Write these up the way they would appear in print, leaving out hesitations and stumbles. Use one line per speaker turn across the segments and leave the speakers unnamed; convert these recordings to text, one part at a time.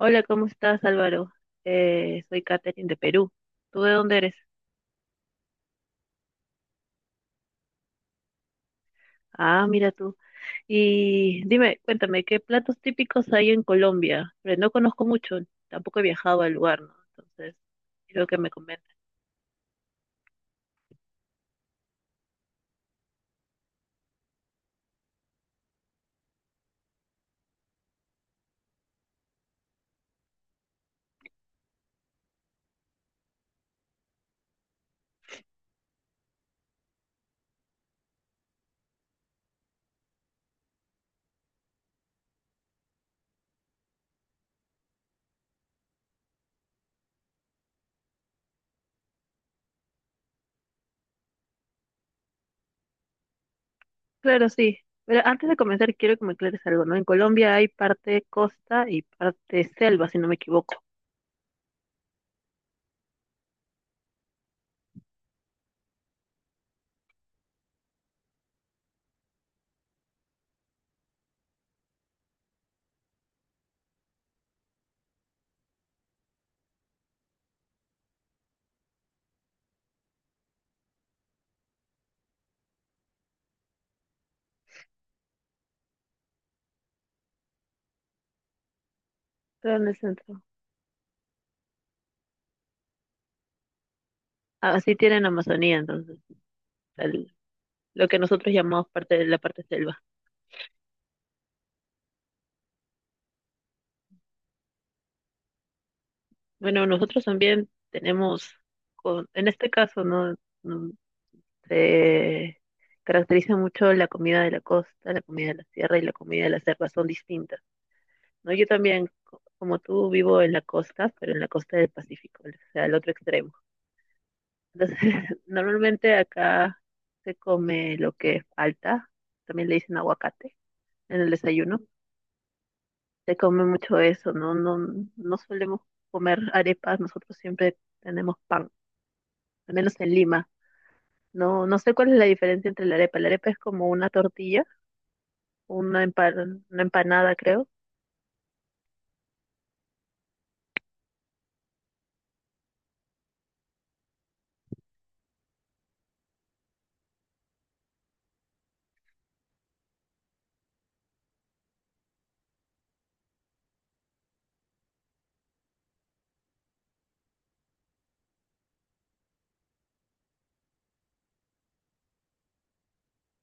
Hola, ¿cómo estás, Álvaro? Soy Katherine de Perú. ¿Tú de dónde eres? Ah, mira tú. Y dime, cuéntame, ¿qué platos típicos hay en Colombia? Pero no conozco mucho, tampoco he viajado al lugar, ¿no? Entonces, quiero que me comentes. Claro, sí. Pero antes de comenzar, quiero que me aclares algo, ¿no? En Colombia hay parte costa y parte selva, si no me equivoco. Pero en el centro. Así tienen Amazonía, entonces, el- lo que nosotros llamamos parte de la parte selva. Bueno, nosotros también tenemos, en este caso, ¿no? Mm, Se caracteriza mucho la comida de la costa, la comida de la sierra y la comida de la selva, son distintas, ¿no? Yo también, como tú, vivo en la costa, pero en la costa del Pacífico, o sea, al otro extremo. Entonces, normalmente acá se come lo que falta, también le dicen aguacate en el desayuno, se come mucho eso, ¿no? No, no solemos comer arepas, nosotros siempre tenemos pan al menos en Lima. No, no sé cuál es la diferencia entre la arepa. La arepa es como una tortilla, una, una empanada, creo.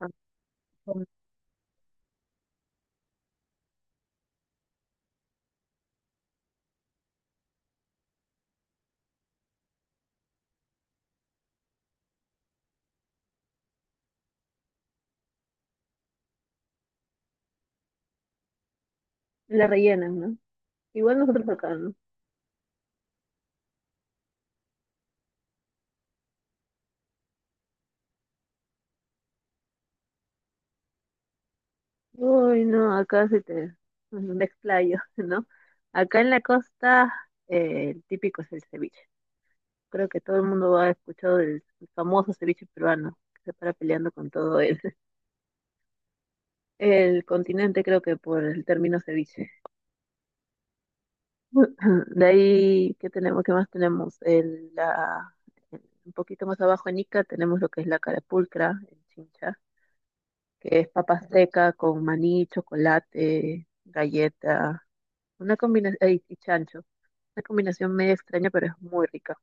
Ah, con- la rellenan, ¿no? Igual nosotros acá, ¿no? Uy, no, acá sí te bueno, me explayo, ¿no? Acá en la costa, el típico es el ceviche. Creo que todo el mundo ha escuchado del famoso ceviche peruano, que se para peleando con todo el, el continente, creo que por el término ceviche. De ahí, ¿qué tenemos? ¿Qué más tenemos? Un poquito más abajo en Ica tenemos lo que es la carapulcra, el chincha, que es papa seca con maní, chocolate, galleta, una combinación, y chancho, una combinación medio extraña, pero es muy rica.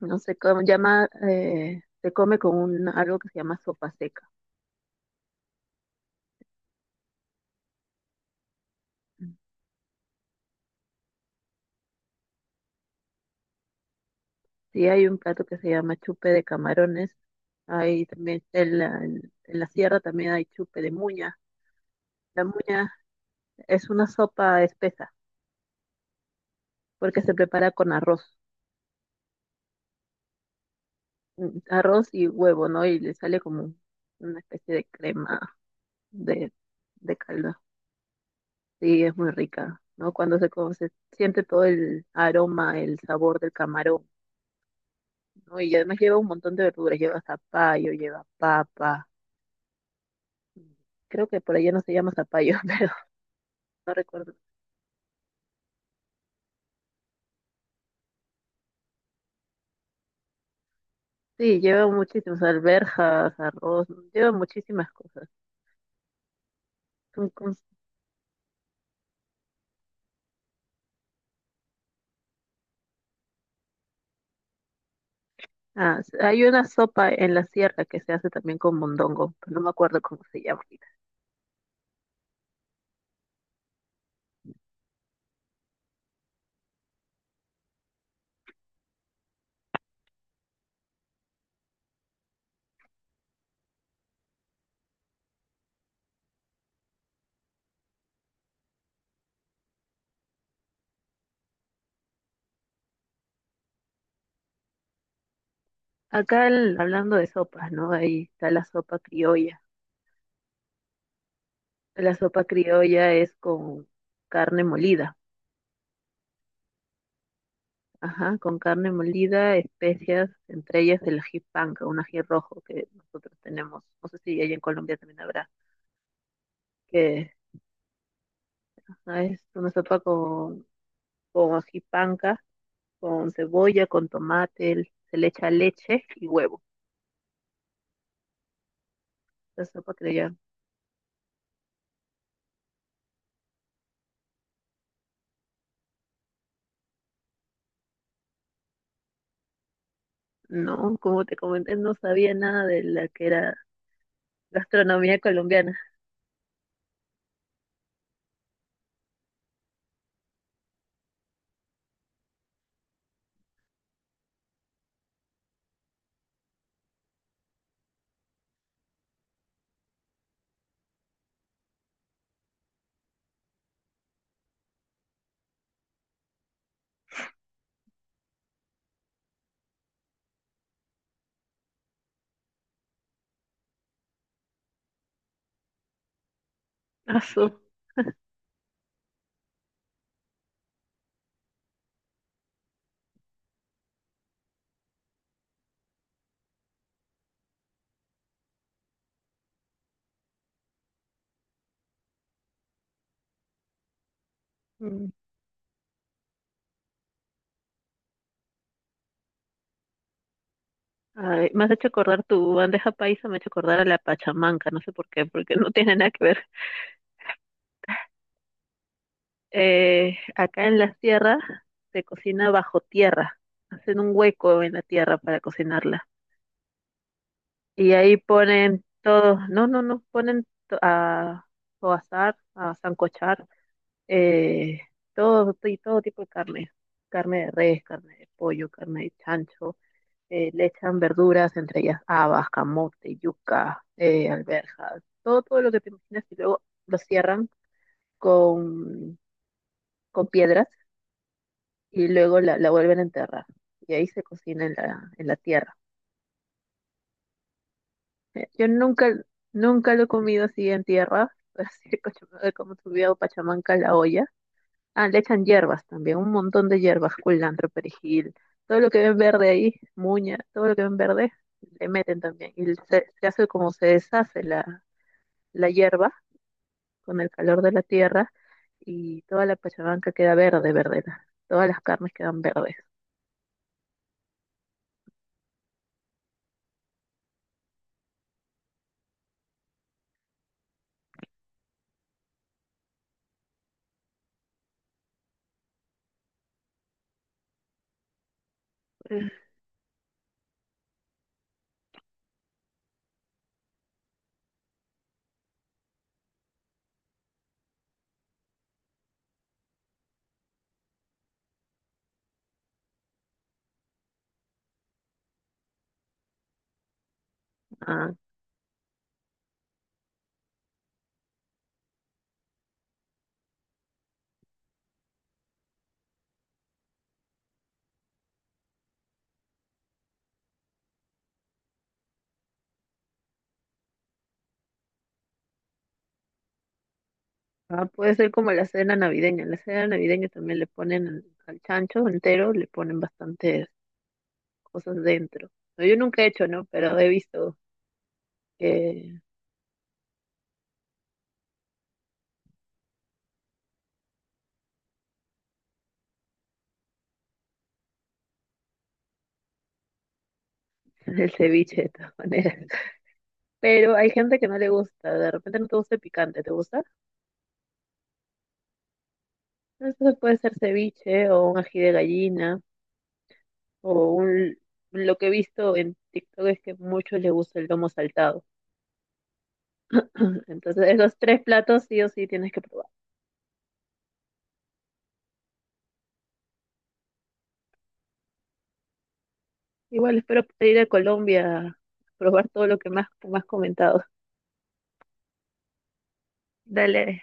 No sé cómo llama, se come con un, algo que se llama sopa seca. Sí, hay un plato que se llama chupe de camarones. Hay también en la, en la sierra también hay chupe de muña. La muña es una sopa espesa, porque se prepara con arroz, arroz y huevo, ¿no? Y le sale como una especie de crema de, de caldo. Sí, es muy rica, ¿no? Cuando se, como se siente todo el aroma, el sabor del camarón, ¿no? Y además lleva un montón de verduras, lleva zapallo, lleva papa. Creo que por allá no se llama zapallo, pero no recuerdo. Sí, lleva muchísimas alberjas, arroz, lleva muchísimas cosas. Es un, ah, hay una sopa en la sierra que se hace también con mondongo, pero no me acuerdo cómo se llama ahorita. Hablando de sopas, ¿no? Ahí está la sopa criolla. La sopa criolla es con carne molida, ajá, con carne molida, especias, entre ellas el ají panca, un ají rojo que nosotros tenemos. No sé si allá en Colombia también habrá, que ah, es una sopa con ají panca, con cebolla, con tomate, se le echa leche y huevo. La sopa criolla no, como te comenté, no sabía nada de la que era gastronomía colombiana. Ah, su. Mm. Ay, me has hecho acordar tu bandeja paisa, me ha hecho acordar a la pachamanca, no sé por qué, porque no tiene nada que ver. Acá en las tierras se cocina bajo tierra, hacen un hueco en la tierra para cocinarla. Y ahí ponen todo, no, no, no, a asar, a sancochar, eh, todo, y todo tipo de carne, carne de res, carne de pollo, carne de chancho, le echan verduras, entre ellas habas, camote, yuca, alberjas, todo, todo lo que te imaginas y luego lo cierran con, con piedras y luego la, la vuelven a enterrar y ahí se cocina en la tierra. Yo nunca, nunca lo he comido así en tierra, así como he comido pachamanca en la olla. Ah, le echan hierbas también, un montón de hierbas, culantro, perejil, todo lo que ven verde ahí, muña, todo lo que ven verde, le meten también. Y se hace como se deshace la, la hierba con el calor de la tierra y toda la pachamanca queda verde, verde, todas las carnes quedan verdes. Mm. Ah, ah, puede ser como la cena navideña. En la cena navideña también le ponen al al chancho entero, le ponen bastantes cosas dentro. No, yo nunca he hecho, ¿no? Pero he visto que el ceviche de todas maneras. Pero hay gente que no le gusta, de repente no te gusta el picante, ¿te gusta? Entonces puede ser ceviche o un ají de gallina o un... Lo que he visto en TikTok es que muchos les gusta el lomo saltado. Entonces esos tres platos sí o sí tienes que probar. Igual espero poder ir a Colombia a probar todo lo que más, más comentado. Dale,